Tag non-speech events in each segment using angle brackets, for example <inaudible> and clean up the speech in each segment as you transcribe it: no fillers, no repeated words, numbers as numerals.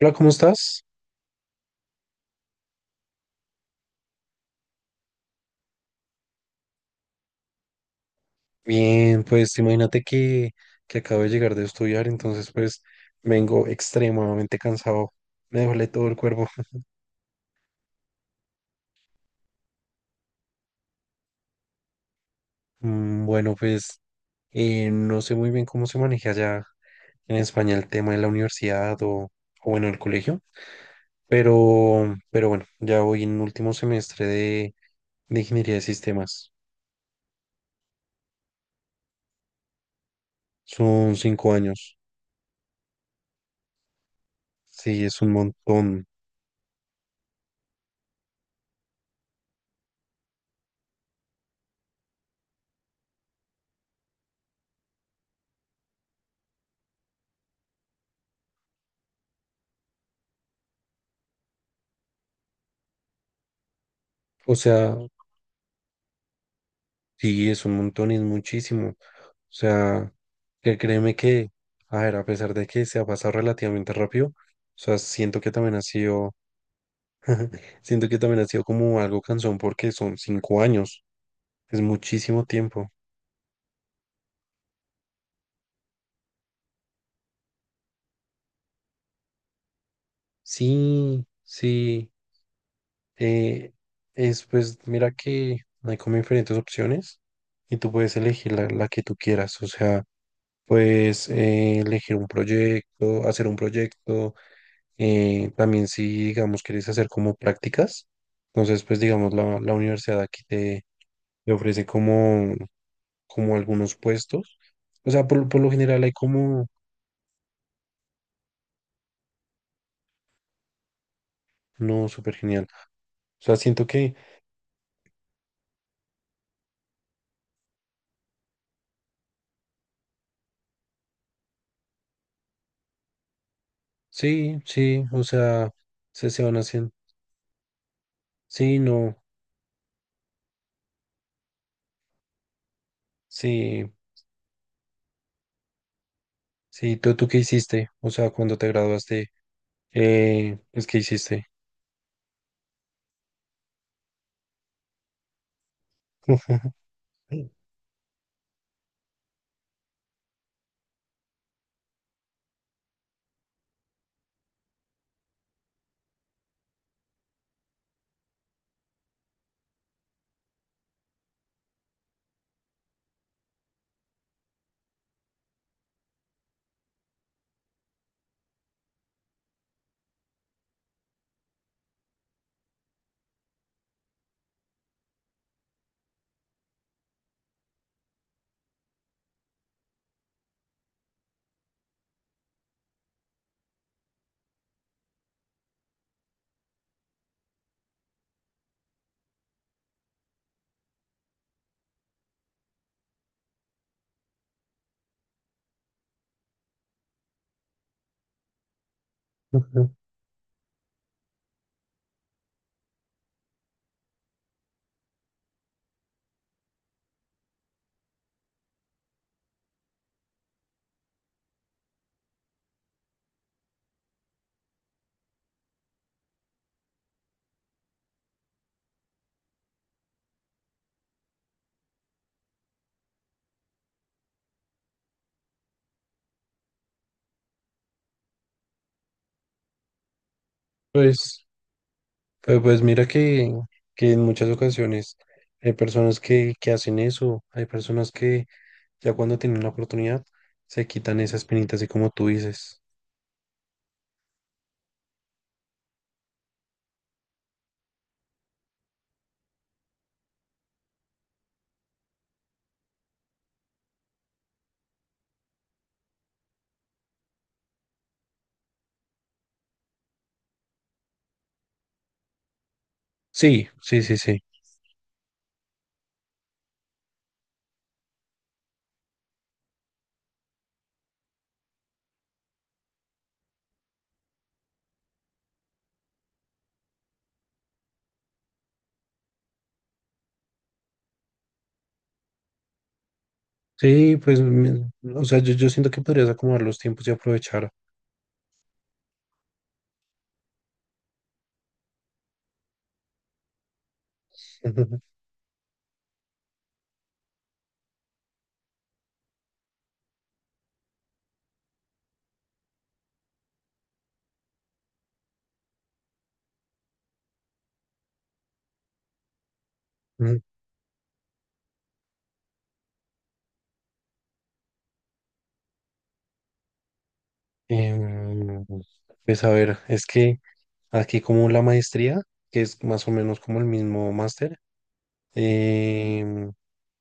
Hola, ¿cómo estás? Bien, pues imagínate que acabo de llegar de estudiar, entonces pues vengo extremadamente cansado, me duele todo el cuerpo. <laughs> Mm, bueno, pues no sé muy bien cómo se maneja allá en España el tema de la universidad o, bueno, el colegio, pero bueno, ya voy en último semestre de ingeniería de sistemas. Son 5 años, sí, es un montón. O sea, sí, es un montón y es muchísimo. O sea, que créeme que, a ver, a pesar de que se ha pasado relativamente rápido, o sea, siento que también ha sido como algo cansón porque son 5 años, es muchísimo tiempo. Sí, sí, eh, es pues, mira que hay como diferentes opciones y tú puedes elegir la, que tú quieras. O sea, puedes elegir un proyecto, hacer un proyecto. También, si digamos quieres hacer como prácticas, entonces pues digamos la, universidad aquí te, ofrece como algunos puestos. O sea, por lo general hay como, no, súper genial. O sea, siento que sí, sí, o sea, se, van haciendo, sí, no, sí, sí. ¿tú qué hiciste? O sea, cuando te graduaste, pues, ¿qué hiciste? <laughs> Pues... Pero pues mira que, en muchas ocasiones hay personas que hacen eso, hay personas que ya cuando tienen la oportunidad se quitan esas penitas así como tú dices. Sí, sí, sí, sí. Sí, pues, o sea, yo siento que podrías acomodar los tiempos y aprovechar. <laughs> Mm, Em, pues a ver, es que aquí como la maestría, que es más o menos como el mismo máster, em,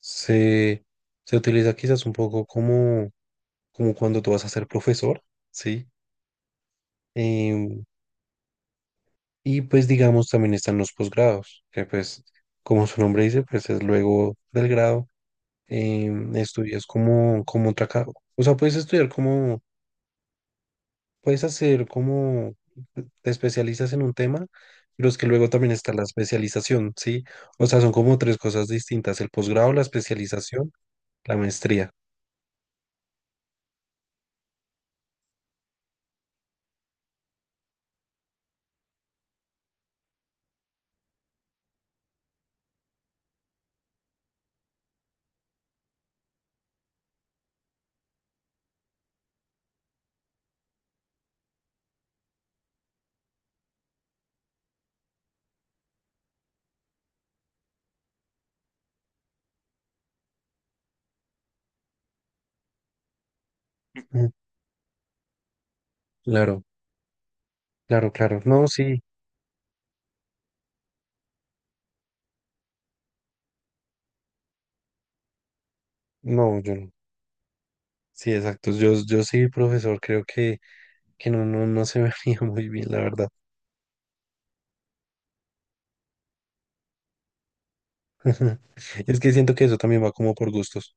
se, se utiliza quizás un poco como cuando tú vas a ser profesor, ¿sí? Em, y pues digamos también están los posgrados, que pues como su nombre dice, pues es luego del grado, estudias como otra o sea, puedes estudiar como, puedes hacer como, te especializas en un tema, pero es que luego también está la especialización, ¿sí? O sea, son como tres cosas distintas: el posgrado, la especialización, la maestría. Ujú, claro, claro, claro. No, sí, no, yo no. Sí, exacto. yo, sí, profesor, creo que, no se me <laughs> veía muy bien, la verdad. <laughs> Es que siento que eso también va como por gustos.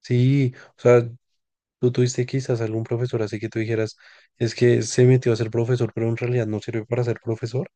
Sí, o sea, tú tuviste quizás algún profesor así que tú dijeras, es que se metió a ser profesor, pero en realidad no sirve para ser profesor.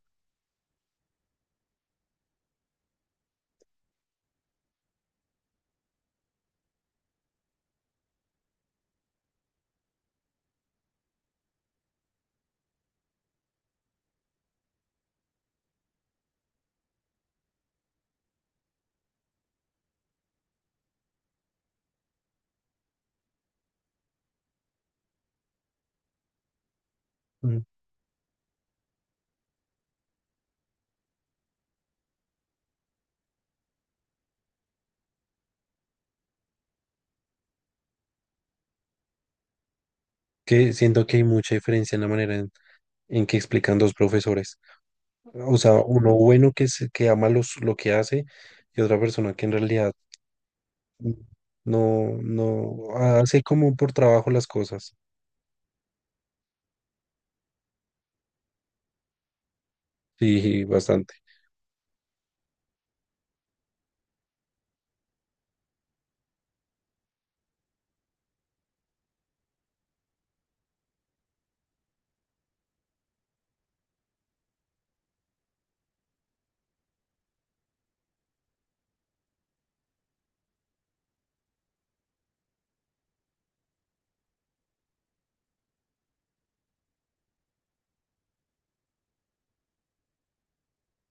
Mm. Que siento que hay mucha diferencia en la manera en, que explican dos profesores. O sea, uno bueno que, que ama lo que hace, y otra persona que en realidad mm, no, hace como por trabajo las cosas. Sí, bastante.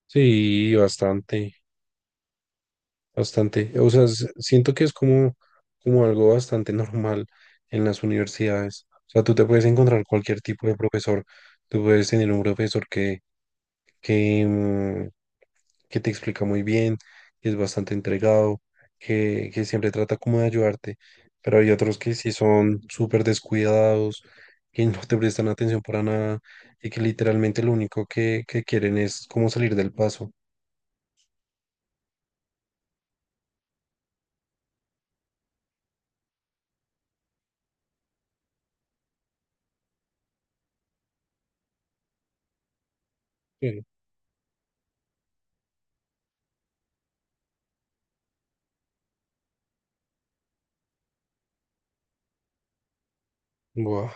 Sí, bastante, bastante. O sea, siento que es como algo bastante <laughs> normal en las universidades. O sea, tú te puedes encontrar cualquier tipo de profesor. Tú puedes tener un profesor que, que, mm, que te explica muy bien, que es bastante entregado, que, siempre trata como de ayudarte. Pero hay otros que sí son súper descuidados, que no te prestan atención para nada y que literalmente lo único que quieren es como salir del paso. Buah.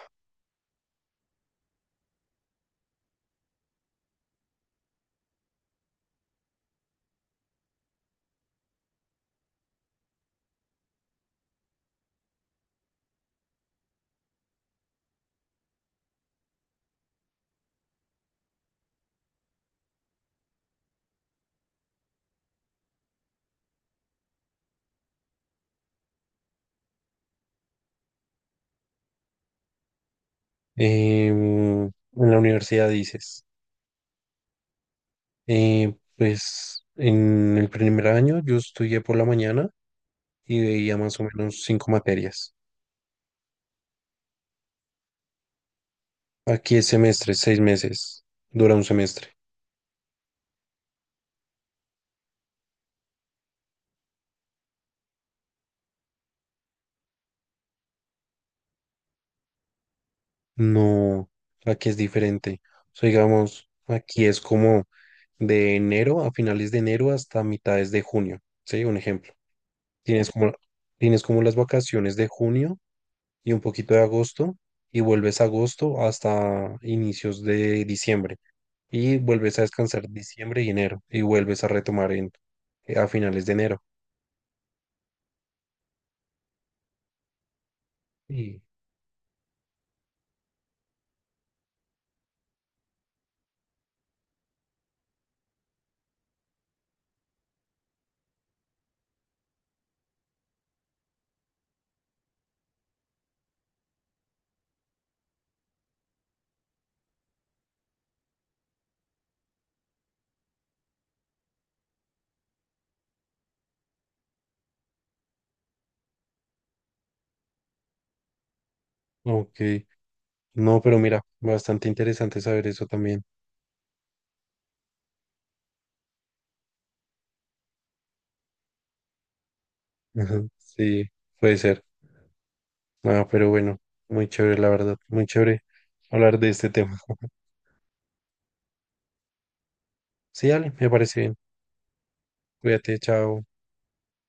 En la universidad dices, pues en el primer año yo estudié por la mañana y veía más o menos cinco materias. Aquí es semestre, 6 meses, dura un semestre. No, aquí es diferente. O sea, digamos, aquí es como de enero, a finales de enero, hasta mitades de junio. Sí, un ejemplo. Tienes como, tienes como las vacaciones de junio y un poquito de agosto, y vuelves a agosto hasta inicios de diciembre, y vuelves a descansar diciembre y enero, y vuelves a retomar a finales de enero. Sí. Ok, no, pero mira, bastante interesante saber eso también. Ajá, sí, puede ser. Ah, pero bueno, muy chévere, la verdad, muy chévere hablar de este tema. Sí, dale, me parece bien. Cuídate, chao.